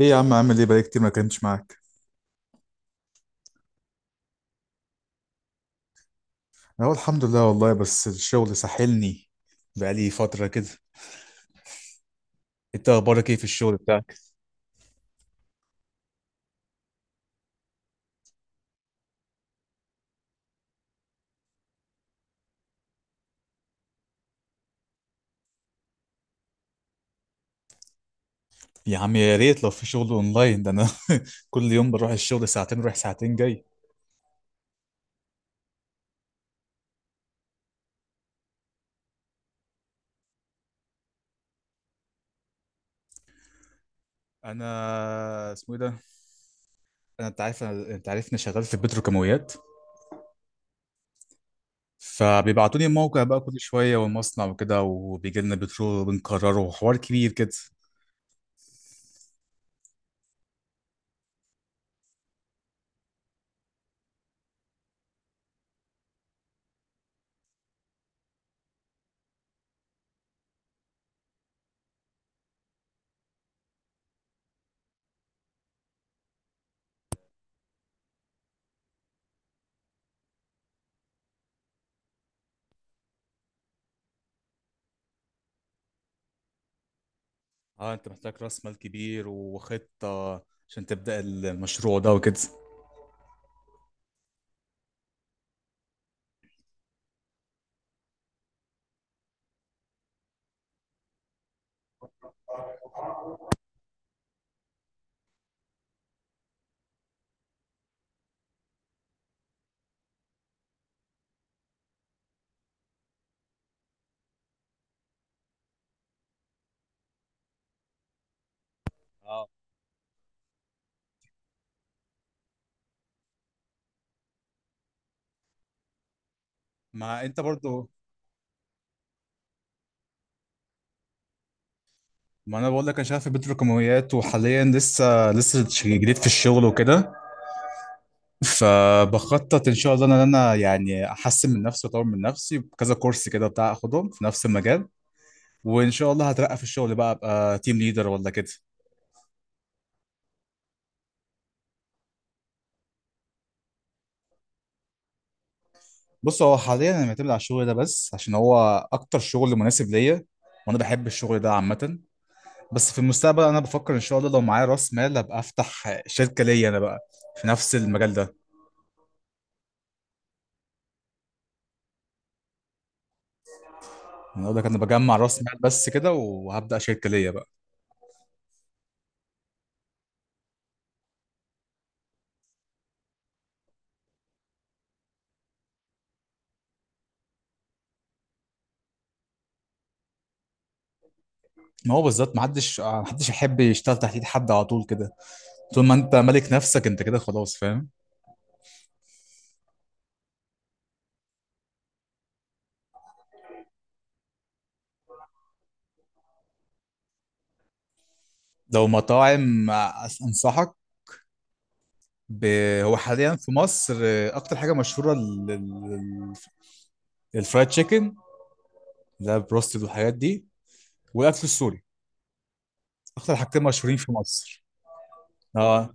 ايه يا عم، عامل ايه؟ بقالي كتير ما كنتش معاك. اهو الحمد لله والله، بس الشغل ساحلني. بقالي فترة كده. انت اخبارك ايه في الشغل بتاعك؟ يا عم يا ريت لو في شغل اونلاين ده انا كل يوم بروح الشغل ساعتين رايح ساعتين جاي. انا اسمه ايه ده، انا انت عارفني شغال في البتروكيماويات. فبيبعتوا لي موقع بقى كل شوية والمصنع وكده، وبيجي لنا بترول وبنكرره حوار كبير كده. اه، انت محتاج راس مال كبير وخطة عشان تبدأ المشروع ده وكده. مع انت برضو. ما انا بقول لك، انا شغال في بيت رقميات، وحاليا لسه لسه جديد في الشغل وكده. فبخطط ان شاء الله ان انا يعني احسن من نفسي واطور من نفسي بكذا كورس كده بتاع اخدهم في نفس المجال. وان شاء الله هترقى في الشغل بقى، ابقى تيم ليدر ولا كده. بص، هو حاليا انا معتمد على الشغل ده بس عشان هو اكتر شغل مناسب ليا. وانا بحب الشغل ده عامه. بس في المستقبل انا بفكر ان شاء الله، لو معايا راس مال ابقى افتح شركه ليا انا بقى، في نفس المجال ده. انا اقول لك، انا بجمع راس مال بس كده، وهبدا شركه ليا بقى. ما هو بالذات، ما حدش يحب يشتغل تحت ايد حد على طول كده. طول ما انت مالك نفسك انت كده خلاص، فاهم. لو مطاعم، انصحك ب... هو حاليا في مصر اكتر حاجه مشهوره الفرايد تشيكن، ده بروستد والحاجات دي، والاكل السوري. اكتر حاجتين مشهورين في مصر. اه،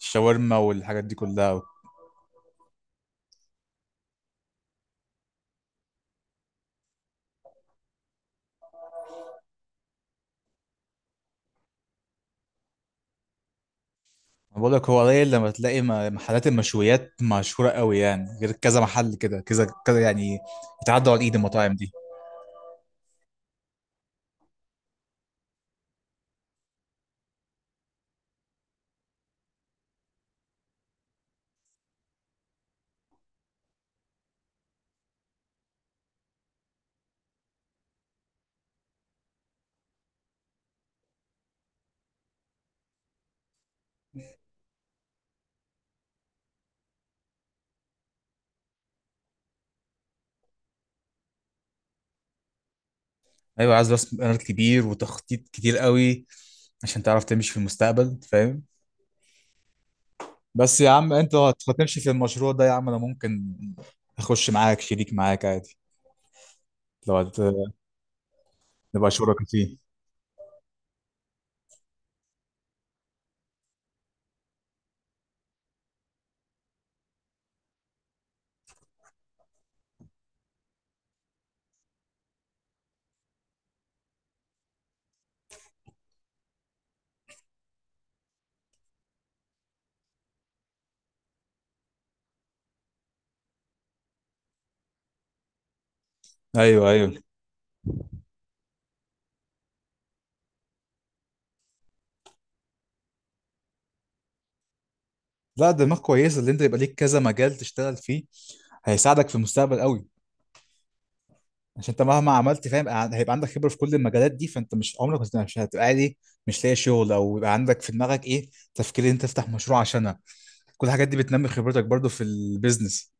الشاورما والحاجات دي كلها. أنا بقول لك هو قليل لما تلاقي محلات المشويات مشهوره قوي يعني، غير كذا محل كده، كذا كذا يعني، يتعدوا على ايد المطاعم دي. ايوه، عايز راس مال كبير وتخطيط كتير قوي عشان تعرف تمشي في المستقبل، فاهم. بس يا عم، انت لو هتمشي في المشروع ده يا عم، انا ممكن اخش معاك شريك معاك عادي. لو هت... نبقى شركاء فيه. ايوه، ايوه. لا، دماغ كويسه اللي انت يبقى ليك كذا مجال تشتغل فيه. هيساعدك في المستقبل قوي، عشان انت مهما عملت فاهم، هيبقى عندك خبره في كل المجالات دي، فانت مش عمرك مش هتبقى عادي مش لاقي شغل، او يبقى عندك في دماغك ايه، تفكير ان انت تفتح مشروع عشانها. كل الحاجات دي بتنمي خبرتك برضو في البيزنس.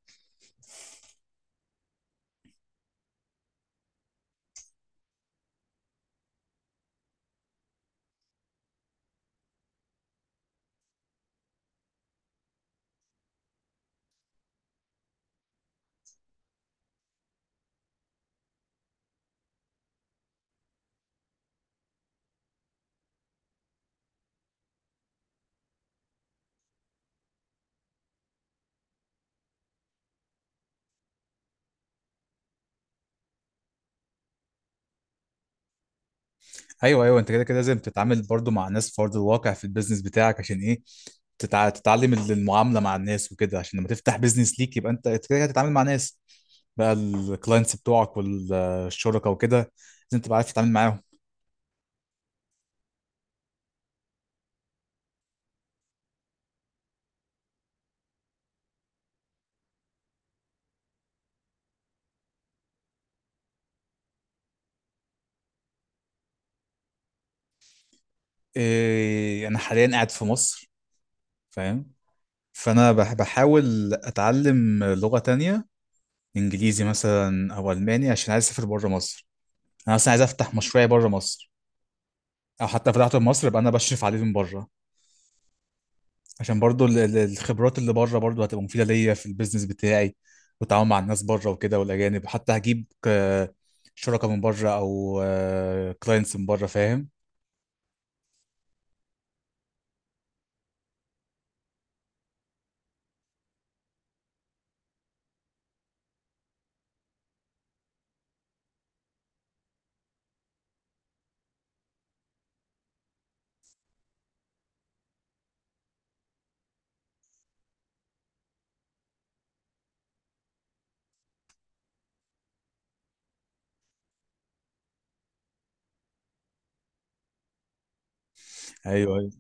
ايوه ايوه، انت كده كده لازم تتعامل برضو مع ناس في ارض الواقع في البيزنس بتاعك. عشان ايه؟ تتعلم المعامله مع الناس وكده، عشان لما تفتح بيزنس ليك يبقى انت كده كده هتتعامل مع ناس، بقى الكلاينتس بتوعك والشركاء وكده. لازم تبقى عارف تتعامل معاهم. إيه، انا حاليا قاعد في مصر، فاهم. فانا بحاول اتعلم لغه تانية، انجليزي مثلا او الماني، عشان عايز اسافر بره مصر. انا اصلا عايز افتح مشروعي بره مصر، او حتى فتحته في مصر يبقى انا بشرف عليه من بره. عشان برضو الخبرات اللي بره برضو هتبقى مفيدة ليا في البيزنس بتاعي، والتعامل مع الناس بره وكده والأجانب. حتى هجيب شركاء من بره، أو كلاينتس من بره، فاهم. أيوه أيوه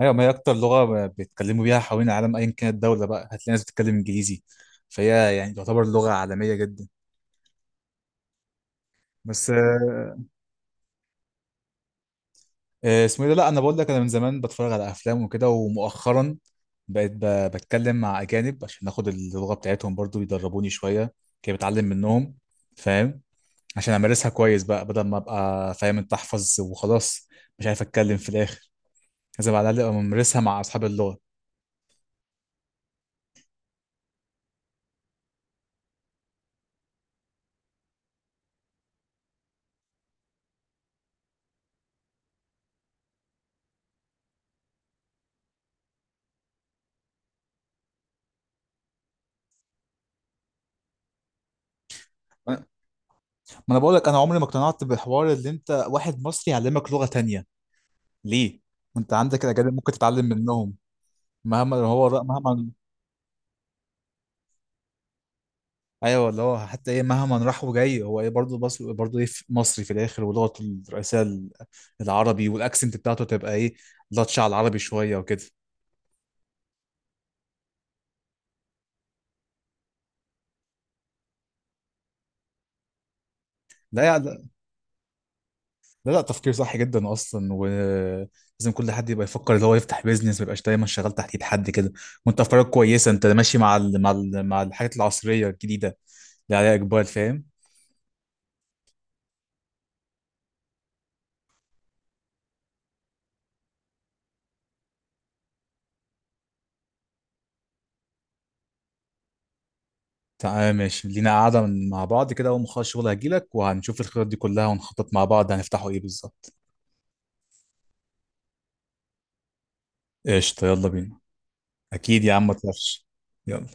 أيوه، ما هي أكتر لغة بيتكلموا بيها حوالين العالم، أيا كانت الدولة بقى هتلاقي ناس بتتكلم إنجليزي. فهي يعني تعتبر لغة عالمية جدا. بس اسمه إيه ده، لا، أنا بقول لك، أنا من زمان بتفرج على أفلام وكده، ومؤخرا بقيت بتكلم مع أجانب عشان آخد اللغة بتاعتهم، برضو يدربوني شوية كده، بتعلم منهم، فاهم. عشان امارسها كويس بقى، بدل ما ابقى فاهم، انت احفظ وخلاص مش عارف اتكلم في الاخر. لازم على الاقل ابقى ممارسها مع اصحاب اللغه. ما انا بقول لك، انا عمري ما اقتنعت بحوار اللي انت واحد مصري يعلمك لغه تانية. ليه؟ وانت عندك الاجانب ممكن تتعلم منهم. مهما. ايوه، اللي هو حتى ايه، مهما راح وجاي هو ايه برضه. بس برضه ايه، مصري في الاخر، ولغته الرئيسيه العربي، والاكسنت بتاعته تبقى ايه، لطشه على العربي شويه وكده. لا، لا، لا، تفكير صح جدا اصلا، ولازم كل حد يبقى يفكر اللي هو يفتح بيزنس، ما يبقاش دايما شغال تحت ايد حد كده. وانت افكارك كويسه، انت ماشي مع الحاجات العصريه الجديده اللي عليها اقبال، فاهم. تعال، ماشي لينا قاعده مع بعض كده، اول ما اخلص شغل هجيلك وهنشوف الخطط دي كلها، ونخطط مع بعض هنفتحوا ايه بالظبط. قشطه، يلا بينا. اكيد يا عم، ما تخافش. يلا.